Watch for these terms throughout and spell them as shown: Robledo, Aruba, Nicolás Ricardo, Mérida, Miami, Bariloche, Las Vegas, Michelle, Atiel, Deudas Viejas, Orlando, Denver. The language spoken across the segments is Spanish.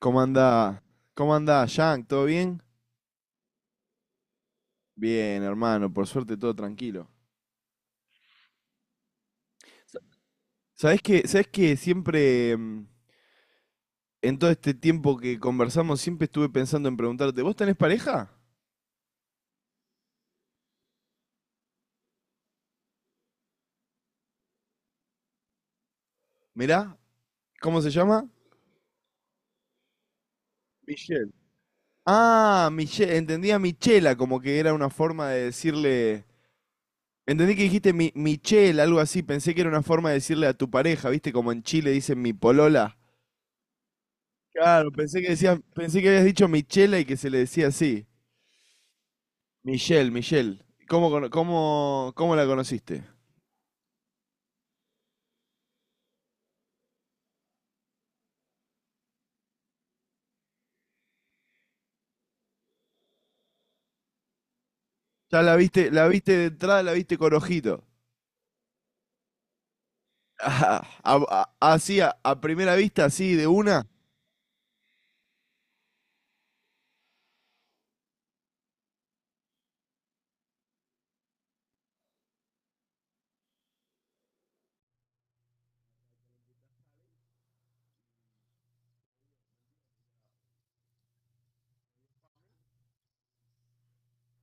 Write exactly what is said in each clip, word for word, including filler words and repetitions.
¿Cómo anda? ¿Cómo anda, Yank? ¿Todo bien? Bien, hermano, por suerte todo tranquilo. ¿Sabés que, sabés que siempre, mm, en todo este tiempo que conversamos, siempre estuve pensando en preguntarte, ¿vos tenés pareja? Mirá, ¿cómo se llama? Michelle. Ah, Michelle, entendía Michela, como que era una forma de decirle. Entendí que dijiste mi, Michelle, algo así, pensé que era una forma de decirle a tu pareja, ¿viste? Como en Chile dicen mi polola. Claro, pensé que decías, pensé que habías dicho Michela y que se le decía así. Michelle, Michelle, ¿cómo, cono- cómo, cómo la conociste? Ya la viste, la viste de entrada, la viste con ojito. Ah, a- a- así, a, a primera vista, así, de una.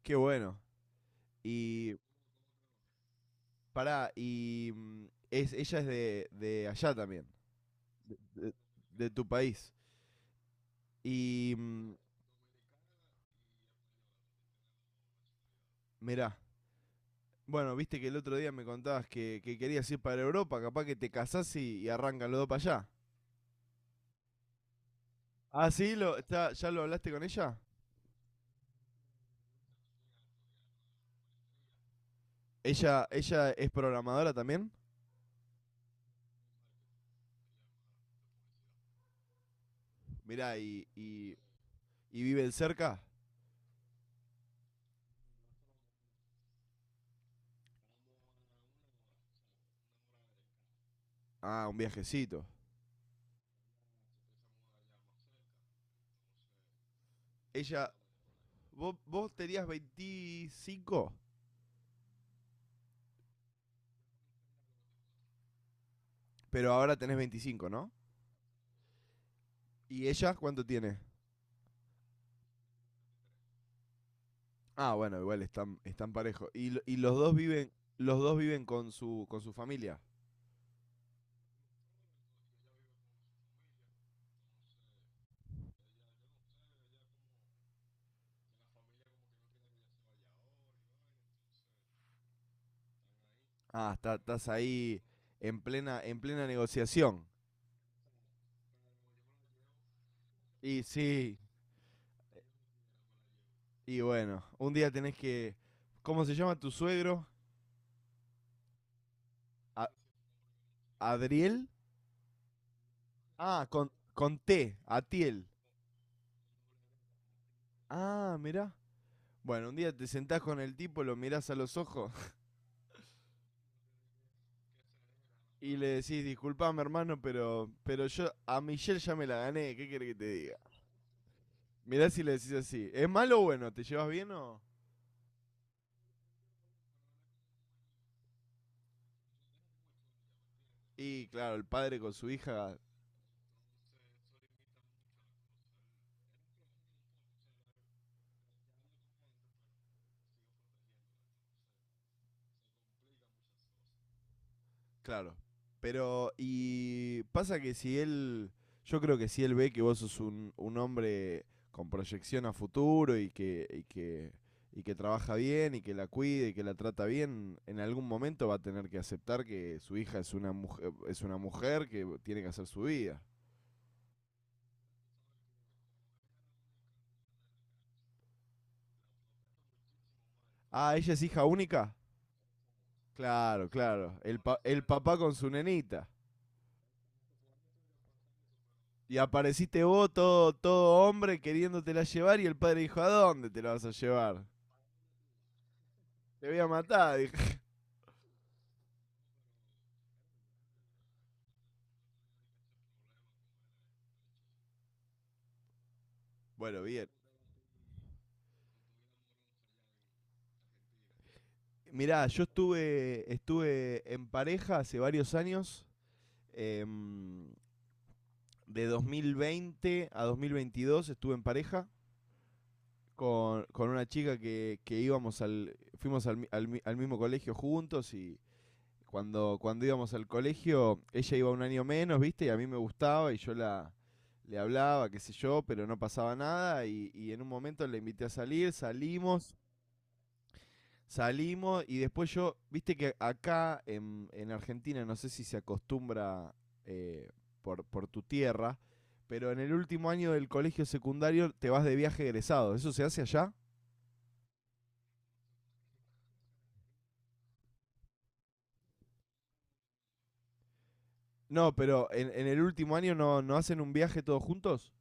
Qué bueno. Y pará, y mm, es, ella es de, de allá también, de, de tu país. Y mm, Mirá, bueno, viste que el otro día me contabas que, que querías ir para Europa, capaz que te casás y, y arrancan los dos para allá. Ah, sí, lo, está- ¿ya lo hablaste con ella? ¿Ella, ella es programadora también? Mirá, y, y, y viven cerca. Ah, un viajecito. Ella, vos, vos tenías veinticinco, pero ahora tenés veinticinco, ¿no? ¿Y ella cuánto tiene? Ah, bueno, igual están, están parejos. Y, y los dos viven, los dos viven, con su, con su familia. Ah, está- estás ahí en plena, en plena negociación. Y sí, y bueno, un día tenés que. ¿Cómo se llama tu suegro? A- ¿Adriel? Ah, con, con T, Atiel. Ah, mirá. Bueno, un día te sentás con el tipo, lo mirás a los ojos y le decís, disculpame hermano, pero, pero yo a Michelle ya me la gané, ¿qué querés que te diga? Mirás y le decís así, ¿es malo o bueno? ¿Te llevas bien o...? Y claro, el padre con su hija. Claro. Pero, y pasa que si él, yo creo que si él ve que vos sos un, un hombre con proyección a futuro y que, y que, y que trabaja bien y que la cuide y que la trata bien, en algún momento va a tener que aceptar que su hija es una mujer, es una mujer que tiene que hacer su vida. Ah, ella es hija única. Claro, claro. El, pa- el papá con su nenita. Y apareciste vos, todo, todo hombre, queriéndotela llevar y el padre dijo, ¿a dónde te la vas a llevar? Te voy a matar, dijo. Bueno, bien. Mirá, yo estuve, estuve en pareja hace varios años. em, de dos mil veinte a dos mil veintidós estuve en pareja con, con una chica que, que íbamos al, fuimos al, mi- al mi- al mismo colegio juntos y cuando, cuando íbamos al colegio ella iba un año menos, ¿viste? Y a mí me gustaba y yo la, le hablaba, qué sé yo, pero no pasaba nada y, y en un momento la invité a salir, salimos. Salimos y después yo, viste que acá en, en Argentina, no sé si se acostumbra eh, por, por tu tierra, pero en el último año del colegio secundario te vas de viaje egresado. ¿Eso se hace allá? No, pero en, en el último año no, no hacen un viaje todos juntos.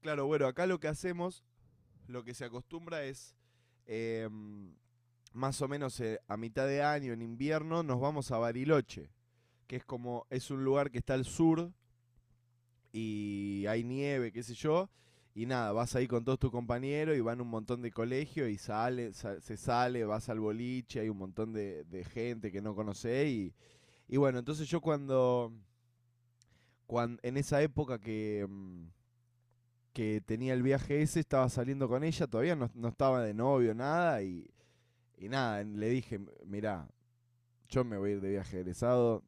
Claro, bueno, acá lo que hacemos, lo que se acostumbra es eh, más o menos eh, a mitad de año, en invierno, nos vamos a Bariloche, que es como, es un lugar que está al sur y hay nieve, qué sé yo. Y nada, vas ahí con todos tus compañeros y van un montón de colegios y sale, sa- se sale, vas al boliche, hay un montón de, de gente que no conocés. Y, y bueno, entonces yo cuando, cuan- en esa época que, mm, que tenía el viaje ese, estaba saliendo con ella, todavía no, no estaba de novio, nada. Y, y nada, le dije, mirá, yo me voy a ir de viaje egresado,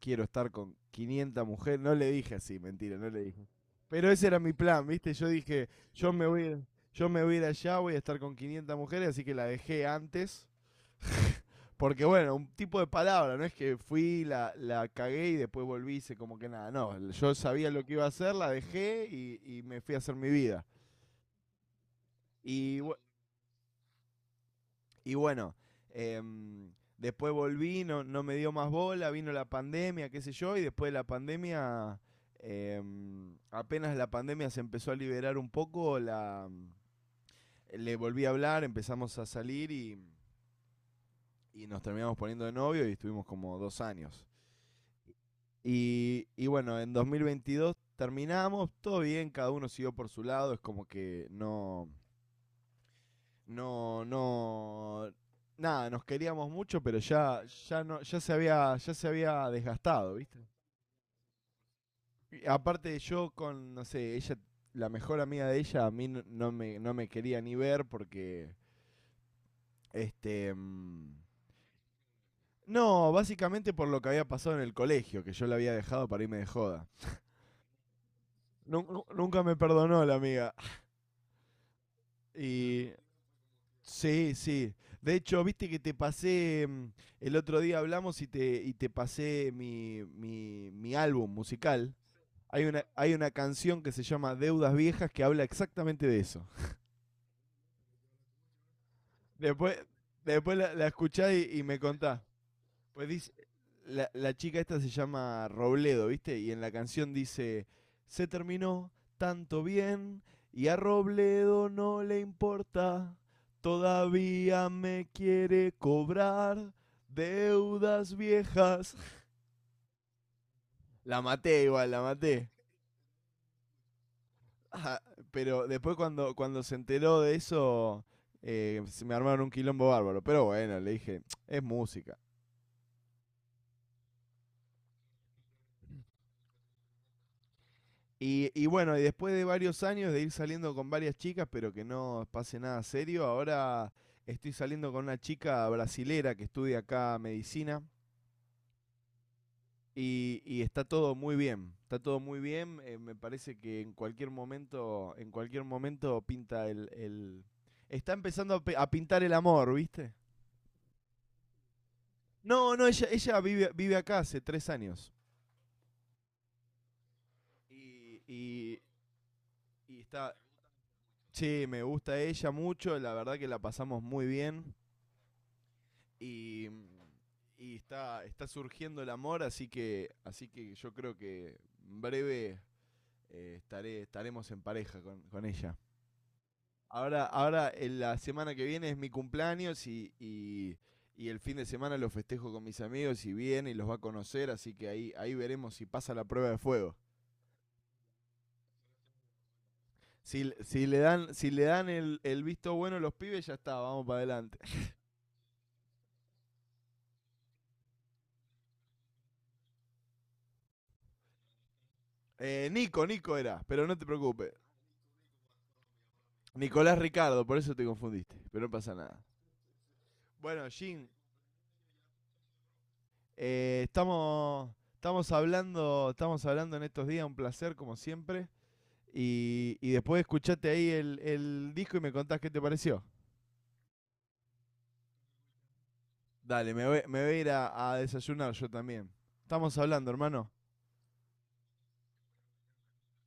quiero estar con quinientas mujeres. No le dije así, mentira, no le dije. Pero ese era mi plan, ¿viste? Yo dije, yo me voy, a- ir- yo me voy a ir allá, voy a estar con quinientas mujeres, así que la dejé antes. Porque bueno, un tipo de palabra, no es que fui, la, la cagué y después volví, hice como que nada, no, yo sabía lo que iba a hacer, la dejé y, y me fui a hacer mi vida. Y bu- Y bueno, em, después volví, no, no me dio más bola, vino la pandemia, qué sé yo, y después de la pandemia, em, apenas la pandemia se empezó a liberar un poco, la, le volví a hablar, empezamos a salir y, y nos terminamos poniendo de novio y estuvimos como dos años. Y, y bueno, en dos mil veintidós terminamos, todo bien, cada uno siguió por su lado, es como que no, no, no, nada, nos queríamos mucho, pero ya, ya no, ya se había, ya se había desgastado, ¿viste? Y aparte yo con, no sé, ella, la mejor amiga de ella, a mí no, no me, no me quería ni ver porque, este, mm, no, básicamente por lo que había pasado en el colegio, que yo la había dejado para irme de joda. Nun- Nunca me perdonó la amiga. Y sí, sí. De hecho, viste que te pasé, mm, el otro día hablamos y te, y te pasé mi, mi, mi álbum musical. Hay una, hay una canción que se llama Deudas Viejas que habla exactamente de eso. Después, después la, la escuchás y, y me contás. Pues dice, la, la chica esta se llama Robledo, ¿viste? Y en la canción dice, se terminó tanto bien y a Robledo no le importa, todavía me quiere cobrar deudas viejas. La maté igual, la maté. Ah, pero después cuando, cuando se enteró de eso, eh, se me armaron un quilombo bárbaro. Pero bueno, le dije, es música. Y, y bueno, y después de varios años de ir saliendo con varias chicas, pero que no pase nada serio, ahora estoy saliendo con una chica brasilera que estudia acá medicina y, y está todo muy bien. Está todo muy bien. Eh, me parece que en cualquier momento, en cualquier momento pinta el, el- está empezando a, pe- a pintar el amor, ¿viste? No, no, ella, ella vive, vive acá hace tres años. Y, y, y está. Che, me gusta ella mucho, la verdad que la pasamos muy bien. Y, y está, está surgiendo el amor, así que, así que yo creo que en breve eh, estaré, estaremos en pareja con, con ella. Ahora, ahora en la semana que viene es mi cumpleaños y, y, y el fin de semana lo festejo con mis amigos y viene y los va a conocer, así que ahí, ahí veremos si pasa la prueba de fuego. Si, si le dan, si le dan el, el visto bueno a los pibes, ya está, vamos para adelante. Eh, Nico, Nico era, pero no te preocupes. Nicolás Ricardo, por eso te confundiste, pero no pasa nada. Bueno, Jim, eh, estamos, estamos, hablando, estamos hablando en estos días, un placer como siempre. Y, y después escuchate ahí el, el, disco y me contás qué te pareció. Dale, me voy, me voy a ir a, a desayunar yo también. Estamos hablando, hermano.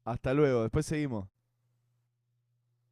Hasta luego, después seguimos.